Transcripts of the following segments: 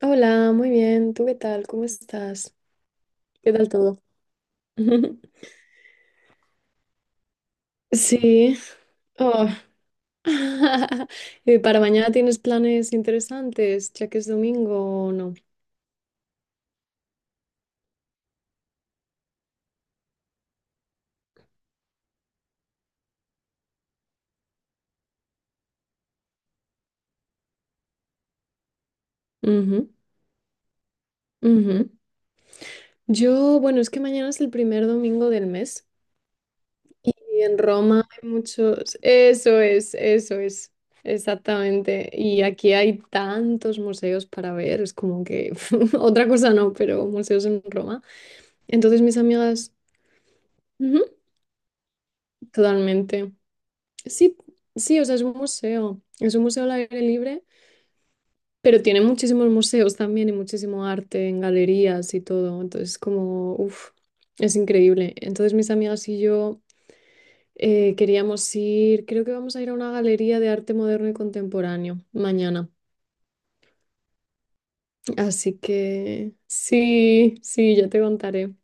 Hola, muy bien. ¿Tú qué tal? ¿Cómo estás? ¿Qué tal todo? Sí. Oh. ¿Y para mañana tienes planes interesantes, ya que es domingo o no? Ujú, ujú. Yo, bueno, es que mañana es el primer domingo del mes y en Roma hay muchos... eso es, exactamente. Y aquí hay tantos museos para ver, es como que otra cosa no, pero museos en Roma. Entonces mis amigas... Ujú, totalmente. Sí, sí, o sea, es un museo. Es un museo al aire libre, pero tiene muchísimos museos también y muchísimo arte en galerías y todo. Entonces, como, es increíble. Entonces, mis amigas y yo queríamos ir, creo que vamos a ir a una galería de arte moderno y contemporáneo mañana. Así que, sí, sí, ya te contaré.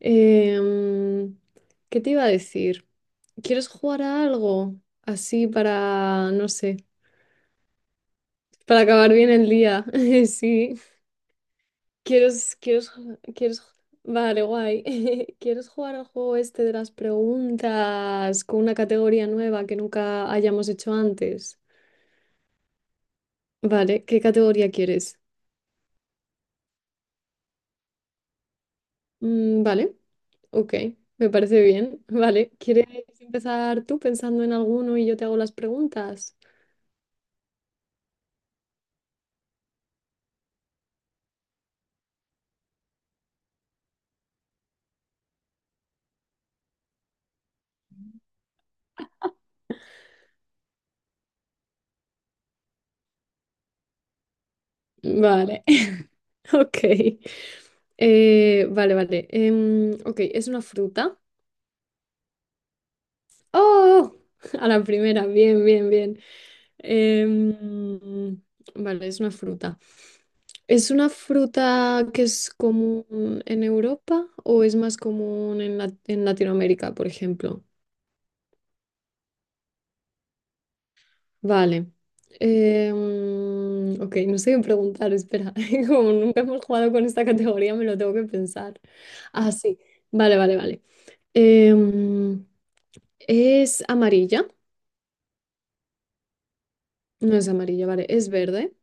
Em, ¿Qué te iba a decir? ¿Quieres jugar a algo? Así para, no sé. Para acabar bien el día, sí. ¿Quieres, quieres, quieres, vale, guay. ¿Quieres jugar al juego este de las preguntas con una categoría nueva que nunca hayamos hecho antes? Vale, ¿qué categoría quieres? Mm, vale, ok, me parece bien. Vale, ¿quieres empezar tú pensando en alguno y yo te hago las preguntas? Vale, ok. Vale, vale. Ok, ¿es una fruta? ¡Oh! A la primera, bien, bien, bien. Em, vale, es una fruta. ¿Es una fruta que es común en Europa o es más común en, la- en Latinoamérica, por ejemplo? Vale. Ok, no sé qué preguntar, espera. Como nunca hemos jugado con esta categoría, me lo tengo que pensar. Ah, sí. Vale, vale, vale. Em, ¿Es amarilla? No es amarilla, vale. ¿Es verde?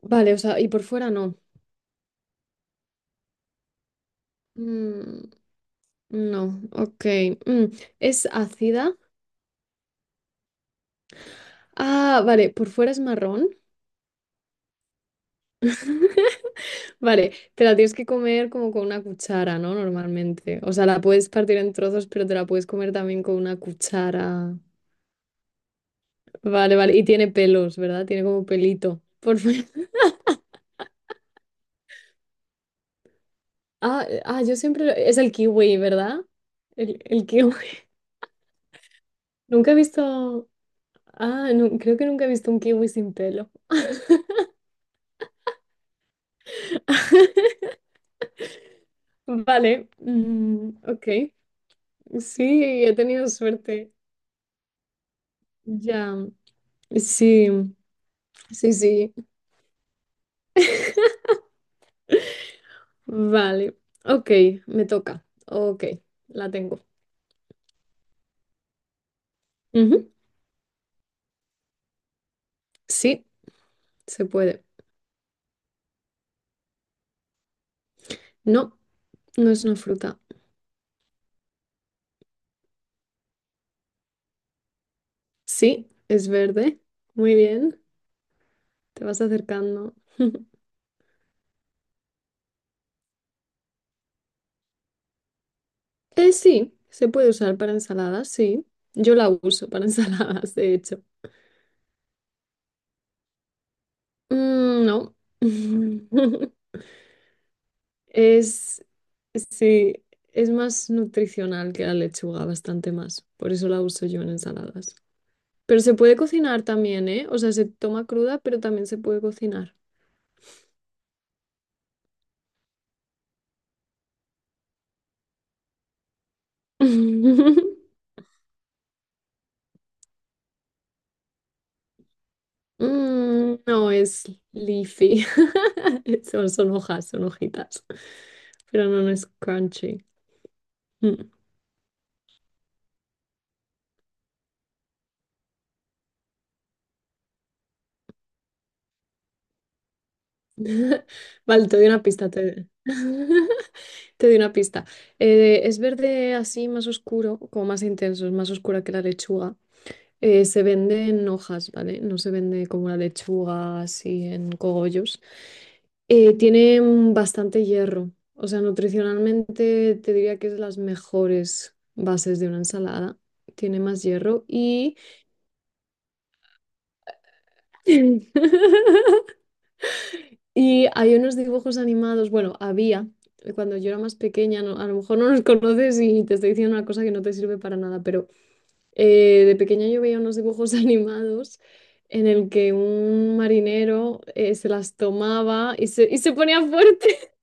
Vale, o sea, y por fuera no. Mm, no, ok. Mm, ¿Es ácida? Ah, vale, por fuera es marrón. Vale, te la tienes que comer como con una cuchara, ¿no? Normalmente. O sea, la puedes partir en trozos, pero te la puedes comer también con una cuchara. Vale, vale. Y tiene pelos, ¿verdad? Tiene como pelito. Por fuera. Yo siempre... lo- Es el kiwi, ¿verdad? El kiwi. Nunca he visto... Ah, no, creo que nunca he visto un kiwi sin pelo. Vale, mm, ok. Sí, he tenido suerte. Ya, sí, sí, sí. Vale. Ok, me toca. Ok, la tengo. Ujú, sí, se puede. No, no es una fruta. Sí, es verde. Muy bien, te vas acercando. Sí, se puede usar para ensaladas, sí. Yo la uso para ensaladas, de hecho. Mm, no. Es, sí, es más nutricional que la lechuga, bastante más. Por eso la uso yo en ensaladas. Pero se puede cocinar también, ¿eh? O sea, se toma cruda, pero también se puede cocinar. Mm, no, es leafy. Son, son hojas, son hojitas. Pero no, no es crunchy. Mm. Vale, te doy una pista. Te... Te doy una pista. Es verde así más oscuro, como más intenso, es más oscura que la lechuga. Se vende en hojas, ¿vale? No se vende como la lechuga, así en cogollos. Tiene bastante hierro. O sea, nutricionalmente te diría que es las mejores bases de una ensalada. Tiene más hierro y... Y hay unos dibujos animados, bueno, había, cuando yo era más pequeña, no- a lo mejor no los conoces y te estoy diciendo una cosa que no te sirve para nada, pero de pequeña yo veía unos dibujos animados en el que un marinero se las tomaba y se ponía fuerte.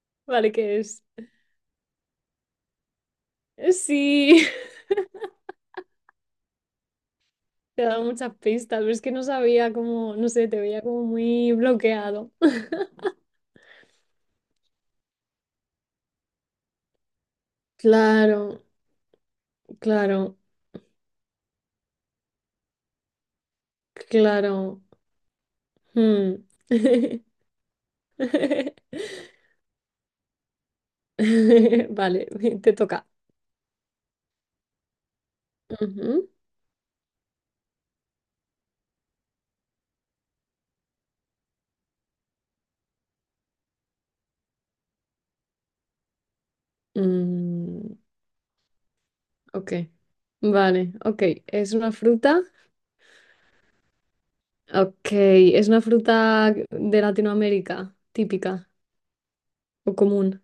Vale, ¿qué es? Sí, te ha dado muchas pistas, pero es que no sabía cómo, no sé, te veía como muy bloqueado. Claro, claro, claro. Hmm. Vale, te toca. Ujú. Mm, ok, vale, ok. ¿Es una fruta? Ok, es una fruta de Latinoamérica, típica o común.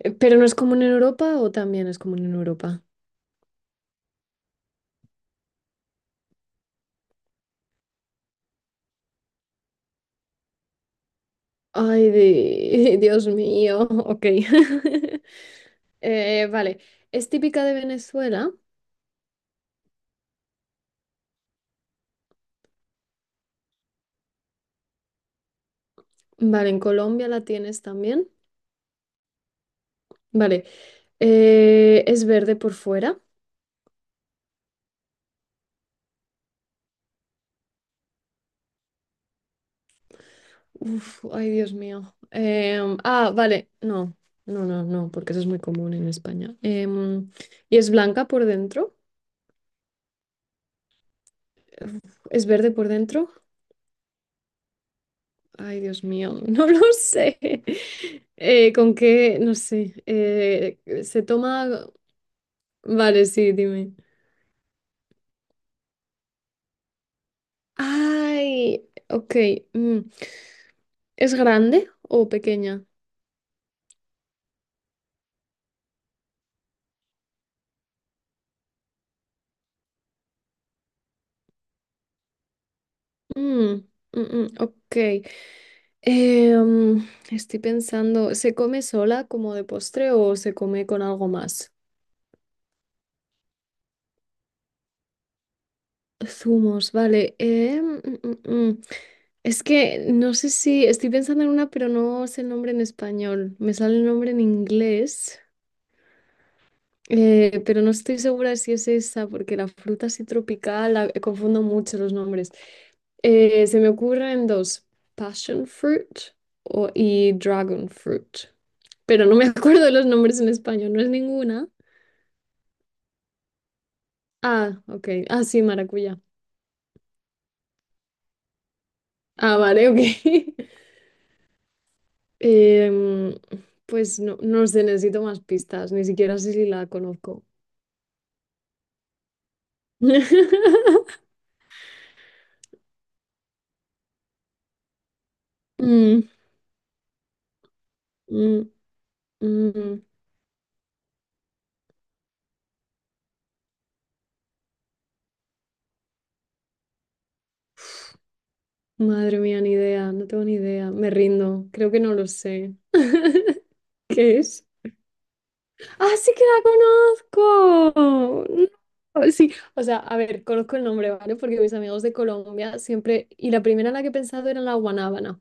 ¿Pero no es común en Europa o también es común en Europa? Ay, di- Dios mío, ok. Vale, es típica de Venezuela. Vale, en Colombia la tienes también. Vale, es verde por fuera. Uf, ay, Dios mío. Ah, vale, no, no, no, no, porque eso es muy común en España. ¿Y es blanca por dentro? Uf, ¿es verde por dentro? Ay, Dios mío, no lo sé. ¿Con qué? No sé. Se toma... Vale, sí, dime. Ay, ok. Mm. ¿Es grande o pequeña? Mm, mm, mm, ok. Eh, mm, Estoy pensando, ¿se come sola como de postre o se come con algo más? Zumos, vale. Mm, mm. Es que no sé si estoy pensando en una, pero no sé el nombre en español. Me sale el nombre en inglés, pero no estoy segura si es esa, porque la fruta así tropical, la- confundo mucho los nombres. Se me ocurren dos, passion fruit y dragon fruit, pero no me acuerdo de los nombres en español, no es ninguna. Ah, ok. Ah, sí, maracuyá. Ah, vale, ok. Em, pues no, no sé, necesito más pistas, ni siquiera sé si la conozco. Mm, mm, mm. Madre mía, ni idea, no tengo ni idea, me rindo, creo que no lo sé. ¿Qué es? ¡Ah, sí que la conozco! No, sí, o sea, a ver, conozco el nombre, ¿vale? Porque mis amigos de Colombia siempre, y la primera en la que he pensado era la guanábana,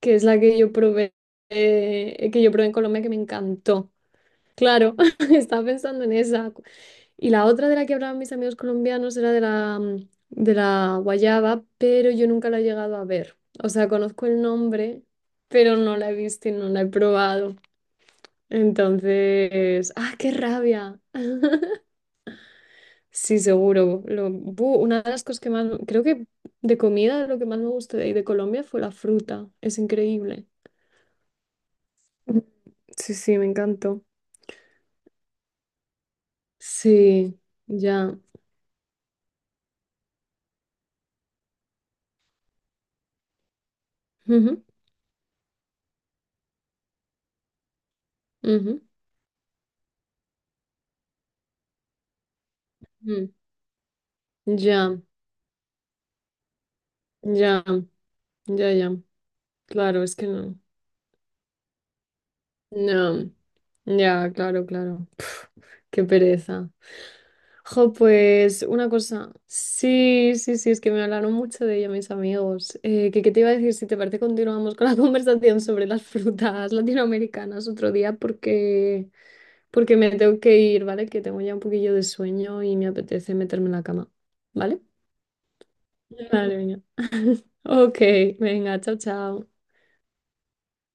que es la que yo probé en Colombia que me encantó. Claro, estaba pensando en esa. Y la otra de la que hablaban mis amigos colombianos era de la, mm, de la guayaba, pero yo nunca la he llegado a ver. O sea, conozco el nombre, pero no la he visto y no la he probado. Entonces, ¡ah, qué rabia! Sí, seguro. Lo, bu, una de las cosas que más, creo que de comida, lo que más me gustó de ahí de Colombia fue la fruta. Es increíble. Mm. Sí, sí, me encantó. Sí, ya. Ujú, ujú, mm, ya. Ya, ya, ya. Claro, es que no. No. Ya, claro, claro. Qué pereza. Jo, pues una cosa. Sí, sí, sí, es que me hablaron mucho de ella mis amigos. Que, ¿qué te iba a decir? Si te parece, continuamos con la conversación sobre las frutas latinoamericanas otro día porque, porque me tengo que ir, ¿vale? Que tengo ya un poquillo de sueño y me apetece meterme en la cama, ¿vale? Vale, venga. Ok, venga, chao, chao.